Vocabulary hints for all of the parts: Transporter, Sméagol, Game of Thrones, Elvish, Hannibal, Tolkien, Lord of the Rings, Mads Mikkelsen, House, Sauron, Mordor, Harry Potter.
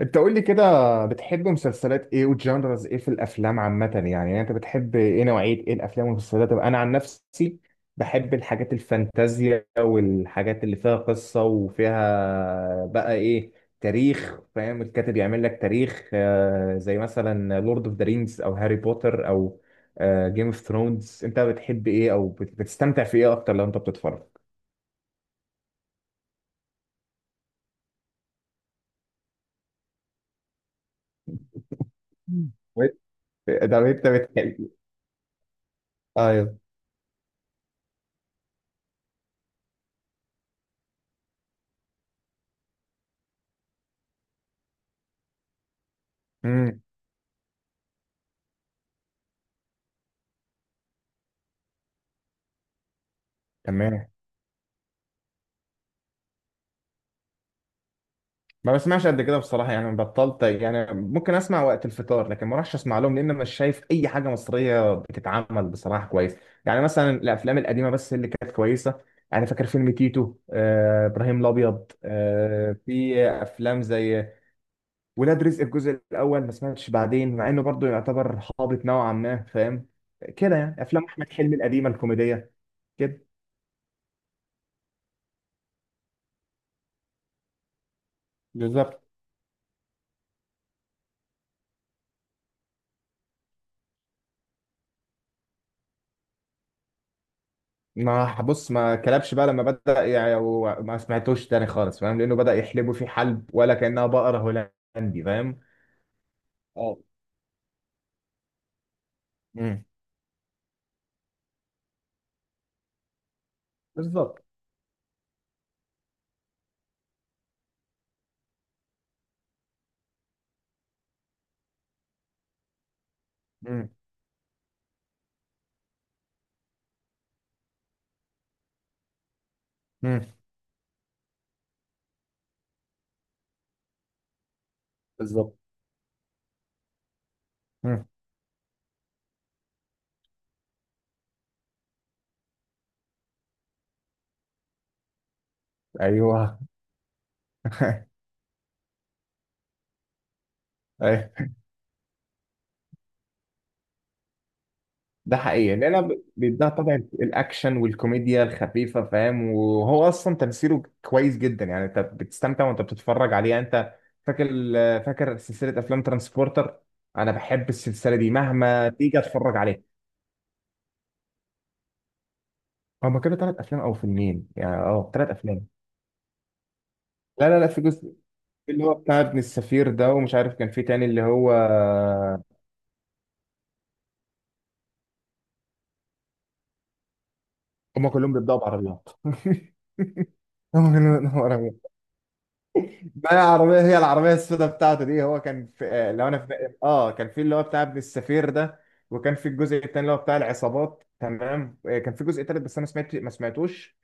انت قول لي كده. بتحب مسلسلات ايه وجانرز ايه في الافلام عامه يعني انت بتحب ايه، نوعيه ايه الافلام والمسلسلات؟ طب انا عن نفسي بحب الحاجات الفانتازيا والحاجات اللي فيها قصه وفيها بقى ايه، تاريخ، فاهم؟ الكاتب يعمل لك تاريخ، زي مثلا لورد اوف ذا رينجز او هاري بوتر او جيم اوف ثرونز. انت بتحب ايه او بتستمتع في ايه اكتر لو انت بتتفرج؟ مم. ده انت بتحب؟ ايوه. امم. تمام. ما بسمعش قد كده بصراحة، يعني بطلت، يعني ممكن أسمع وقت الفطار لكن ما راحش أسمع لهم، لأن مش شايف أي حاجة مصرية بتتعمل بصراحة كويس. يعني مثلا الأفلام القديمة بس اللي كانت كويسة. أنا فاكر فيلم تيتو، إبراهيم الأبيض، في أفلام زي ولاد رزق الجزء الأول. ما سمعتش بعدين مع إنه برضه يعتبر هابط نوعا ما، فاهم كده؟ يعني أفلام أحمد حلمي القديمة الكوميدية كده. بالظبط. ما بص، ما كلبش بقى لما بدأ يعني، وما سمعتوش تاني خالص، فاهم؟ لأنه بدأ يحلبوا فيه حلب، ولا كأنها بقرة هولندي، فاهم؟ اه. مم. بالظبط. مم. مم. بالظبط. مم. ايوه. أيوة. ده حقيقي، لان انا بيديها طبع الاكشن والكوميديا الخفيفه، فاهم؟ وهو اصلا تمثيله كويس جدا، يعني انت بتستمتع وانت بتتفرج عليه. يعني انت فاكر، فاكر سلسله افلام ترانسبورتر؟ انا بحب السلسله دي مهما تيجي اتفرج عليها. هما كانوا ثلاث افلام او فيلمين، يعني ثلاث افلام. لا لا لا، في جزء اللي هو بتاع ابن السفير ده، ومش عارف كان في تاني اللي هو. هما كلهم بيبدأوا بعربيات. هما كلهم بيبدأوا بعربيات. ما هي العربية، هي العربية السوداء بتاعته دي. هو كان في لو انا في كان في اللي هو بتاع ابن السفير ده، وكان في الجزء التاني اللي هو بتاع العصابات، تمام؟ كان في جزء تالت بس انا ما سمعتوش.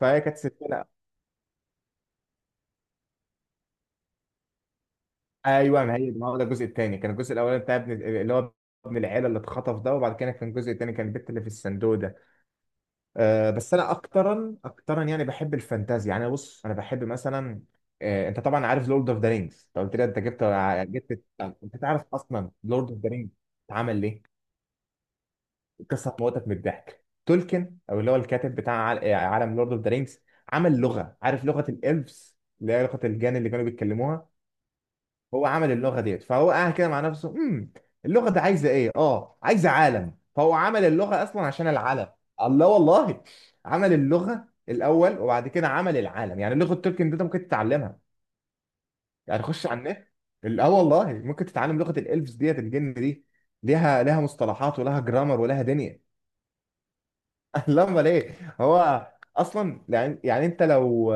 فهي كانت سلسلة. ايوه، ما هو ده الجزء التاني، كان الجزء الاولاني بتاع ابن اللي هو ابن العيله اللي اتخطف ده، وبعد كده كان الجزء التاني، كان البت اللي في الصندوق ده. بس انا اكترا اكترا يعني بحب الفانتازيا. يعني أنا بص، انا بحب مثلا، انت طبعا عارف لورد اوف ذا رينجز، انت قلت لي. انت جبت آه، انت تعرف اصلا لورد اوف ذا رينجز اتعمل ليه؟ القصه هتموتك من الضحك. تولكن او اللي هو الكاتب بتاع عالم لورد اوف ذا رينجز عمل لغه. عارف لغه الالفز اللي هي لغه الجان اللي كانوا بيتكلموها؟ هو عمل اللغه ديت، فهو قاعد كده مع نفسه، امم، اللغه دي عايزه ايه؟ اه، عايزه عالم. فهو عمل اللغه اصلا عشان العالم. الله والله. عمل اللغه الاول وبعد كده عمل العالم. يعني لغه تولكن دي انت ممكن تتعلمها، يعني تخش على النت. والله ممكن تتعلم لغه الالفز ديت، الجن دي، ليها، ليها مصطلحات ولها جرامر ولها دنيا. لا امال ايه هو؟ اصلا يعني، يعني انت لو،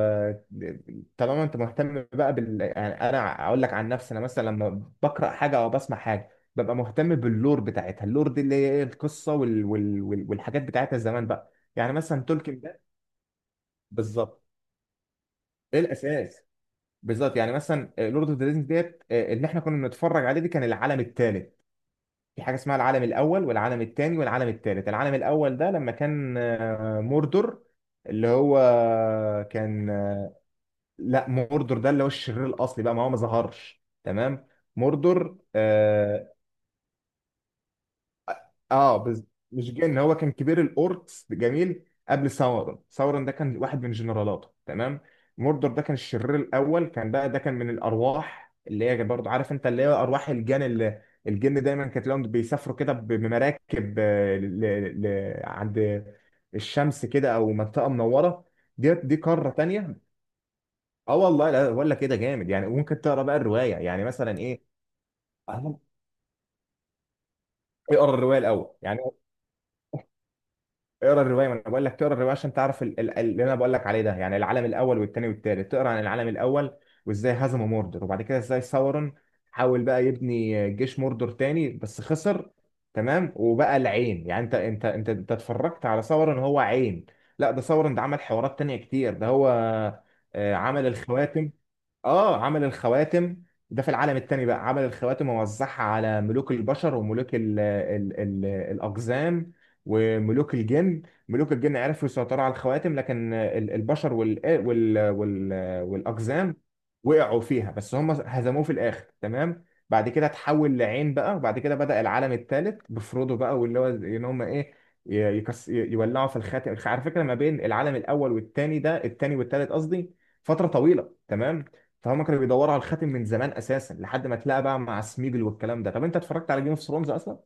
طالما انت مهتم بقى بال، يعني انا اقول لك عن نفسي، انا مثلا لما بقرا حاجه او بسمع حاجه ببقى مهتم باللور بتاعتها. اللور دي اللي هي ايه القصه والحاجات بتاعتها زمان بقى. يعني مثلا تولكن ده، بالظبط، ايه الاساس. بالظبط. يعني مثلا لورد اوف ذا رينجز ديت، اللي احنا كنا بنتفرج عليه دي، كان العالم الثالث. في حاجه اسمها العالم الاول والعالم الثاني والعالم الثالث. العالم الاول ده لما كان موردور، اللي هو كان، لا، موردور ده اللي هو الشرير الاصلي بقى، ما هو ما ظهرش، تمام؟ موردور، اه بز... مش جن، هو كان كبير الاوركس. جميل. قبل ساورون، ساورون ده كان واحد من جنرالاته، تمام؟ موردور ده كان الشرير الاول. كان بقى ده كان من الارواح اللي هي برضه، عارف انت، اللي هي ارواح الجن، اللي الجن دايما كانت لهم بيسافروا كده بمراكب، ل... عند الشمس كده، او منطقه منوره، دي قاره تانية. اه والله. لا بقول لك كده جامد، يعني ممكن تقرا بقى الروايه، يعني مثلا ايه. اقرا الروايه الاول يعني. اقرا الروايه، ما انا بقول لك تقرا الروايه عشان تعرف اللي انا بقول لك عليه ده. يعني العالم الاول والثاني والثالث، تقرا عن العالم الاول وازاي هزموا موردر، وبعد كده ازاي ساورون حاول بقى يبني جيش موردر تاني بس خسر، تمام؟ وبقى العين. يعني انت اتفرجت على ساورون، هو عين. لا، ده ساورون ده عمل حوارات تانية كتير، ده هو عمل الخواتم. اه، عمل الخواتم. ده في العالم التاني بقى، عمل الخواتم ووزعها على ملوك البشر وملوك ال الأقزام وملوك الجن. ملوك الجن عرفوا يسيطروا على الخواتم، لكن ال- البشر وال والأقزام وقعوا فيها. بس هم هزموه في الآخر، تمام؟ بعد كده اتحول لعين بقى، وبعد كده بدأ العالم الثالث بفرودو بقى، واللي هو ان هم ايه، يكس، يولعوا في الخاتم. على فكرة، ما بين العالم الأول والتاني، ده التاني والتالت قصدي، فترة طويلة، تمام؟ فهم كانوا بيدوروا على الخاتم من زمان اساسا، لحد ما اتلاقى بقى مع سميجل والكلام ده. طب انت اتفرجت على جيم اوف ثرونز اصلا؟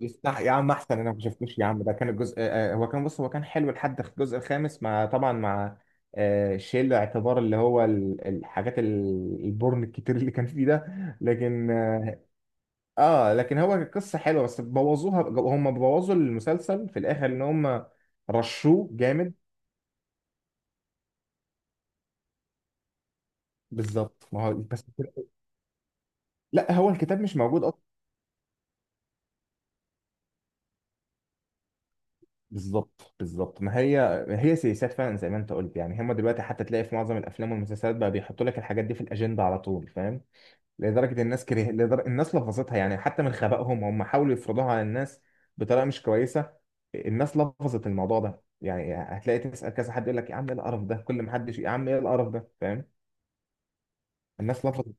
يستح يا عم، احسن انا ما شفتوش. يا عم ده كان الجزء، هو كان، بص هو كان حلو لحد الجزء الخامس، مع طبعا مع، شيل اعتبار اللي هو ال- الحاجات ال- البورن الكتير اللي كان فيه ده، لكن لكن هو القصه حلوه، بس بوظوها، هم بوظوا المسلسل في الاخر ان هم رشوه جامد. بالظبط، ما هو بس. لا، هو الكتاب مش موجود. بالظبط، بالظبط، ما هي هي سياسات فعلا، زي ما انت قلت. يعني هم دلوقتي حتى تلاقي في معظم الافلام والمسلسلات بقى بيحطوا لك الحاجات دي في الاجنده على طول، فاهم؟ لدرجه الناس لفظتها. يعني حتى من خبائهم هم حاولوا يفرضوها على الناس بطريقه مش كويسه. الناس لفظت الموضوع ده. يعني هتلاقي تسال كذا حد يقول لك يا عم ايه القرف ده، كل ما حد يا عم ايه القرف ده، فاهم؟ الناس لفظت.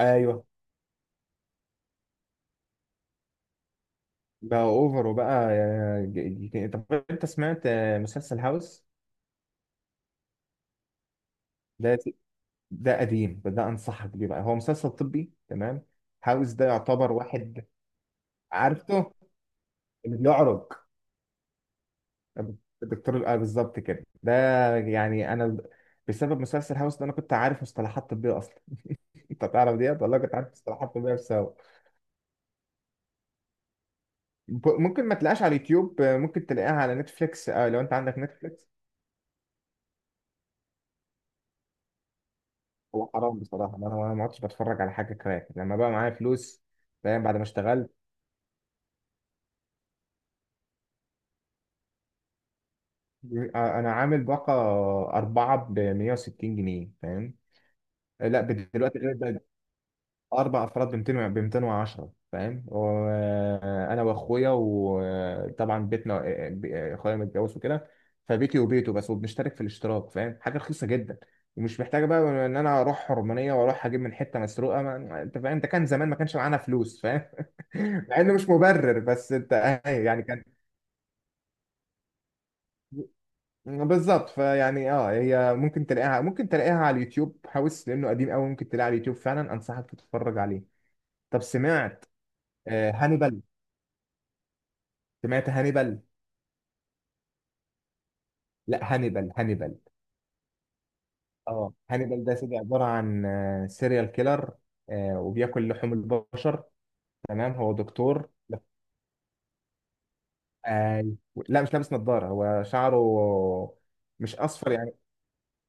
ايوه. بقى اوفر، وبقى طب انت سمعت مسلسل هاوس؟ ده، ده قديم فده انصحك بيه بقى، هو مسلسل طبي، تمام؟ هاوس ده يعتبر واحد. عارفه، اللي بيعرج، الدكتور الآه بالظبط كده ده. يعني انا بسبب مسلسل هاوس ده انا كنت عارف مصطلحات طبيه اصلا. انت تعرف ديت، والله كنت عارف مصطلحات طبيه بسبب. ممكن ما تلاقيهاش على اليوتيوب، ممكن تلاقيها على نتفليكس، لو انت عندك نتفليكس. هو حرام بصراحه، انا ما عدتش بتفرج على حاجه كراك لما بقى معايا فلوس، فاهم؟ بعد ما اشتغلت. انا عامل باقه اربعه ب 160 جنيه، فاهم؟ لا دلوقتي غير ده. اربع افراد ب 200، ب 210، فاهم؟ وانا واخويا وطبعا بيتنا، اخويا متجوز وكده، فبيتي وبيته بس، وبنشترك في الاشتراك، فاهم؟ حاجه رخيصه جدا، ومش محتاجه بقى ان انا اروح حرمانيه واروح اجيب من حته مسروقه. ما... انت فاهم، ده كان زمان ما كانش معانا فلوس، فاهم؟ مع انه مش مبرر، بس انت أهي يعني كان. بالظبط، فيعني هي ممكن تلاقيها، ممكن تلاقيها على اليوتيوب. هاوس لانه قديم قوي ممكن تلاقيها على اليوتيوب فعلا، انصحك تتفرج عليه. طب سمعت هانيبال؟ سمعت هانيبال؟ لا، هانيبال، هانيبال. اه هانيبال ده سيدي، عبارة عن سيريال كيلر، وبياكل لحوم البشر، تمام؟ هو دكتور. لا آه لا، مش لابس نظارة، هو شعره مش أصفر يعني.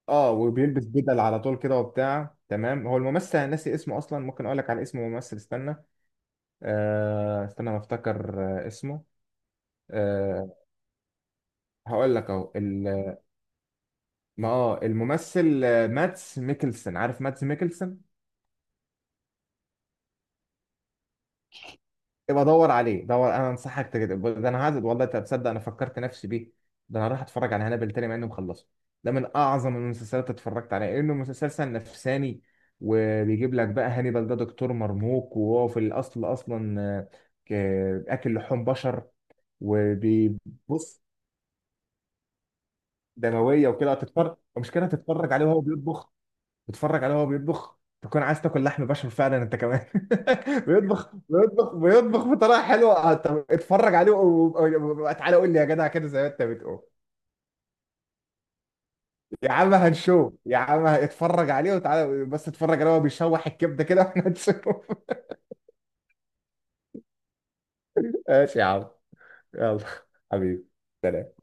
اه، وبيلبس بدل على طول كده وبتاع، تمام؟ هو الممثل أنا ناسي اسمه أصلا، ممكن أقول لك على اسم الممثل، استنى، استنى، ما أفتكر آه اسمه، آه هقول لك أهو. ما اه الممثل ماتس ميكلسن، عارف ماتس ميكلسن؟ ابقى دور عليه، دور، انا انصحك. تجد ده، انا عادت والله انت تصدق انا فكرت نفسي بيه، ده انا راح اتفرج على هانبل تاني مع انه مخلصه. ده من اعظم المسلسلات اللي اتفرجت عليها، انه مسلسل نفساني، وبيجيب لك بقى. هانيبال ده دكتور مرموق، وهو في الاصل اصلا ك- اكل لحوم بشر، وبيبص دمويه وكده. هتتفرج. المشكله هتتفرج عليه وهو بيطبخ. بتتفرج عليه وهو بيطبخ تكون عايز تاكل لحم بشر فعلا انت كمان. بيطبخ بطريقه حلوه. طب اتفرج عليه تعالى قول لي يا جدع كده زي ما انت بتقول. يا عم هنشوف، يا عم اتفرج عليه وتعالى، بس اتفرج عليه وهو بيشوح الكبده كده واحنا هنشوف. ماشي يا عم. يلا، حبيبي.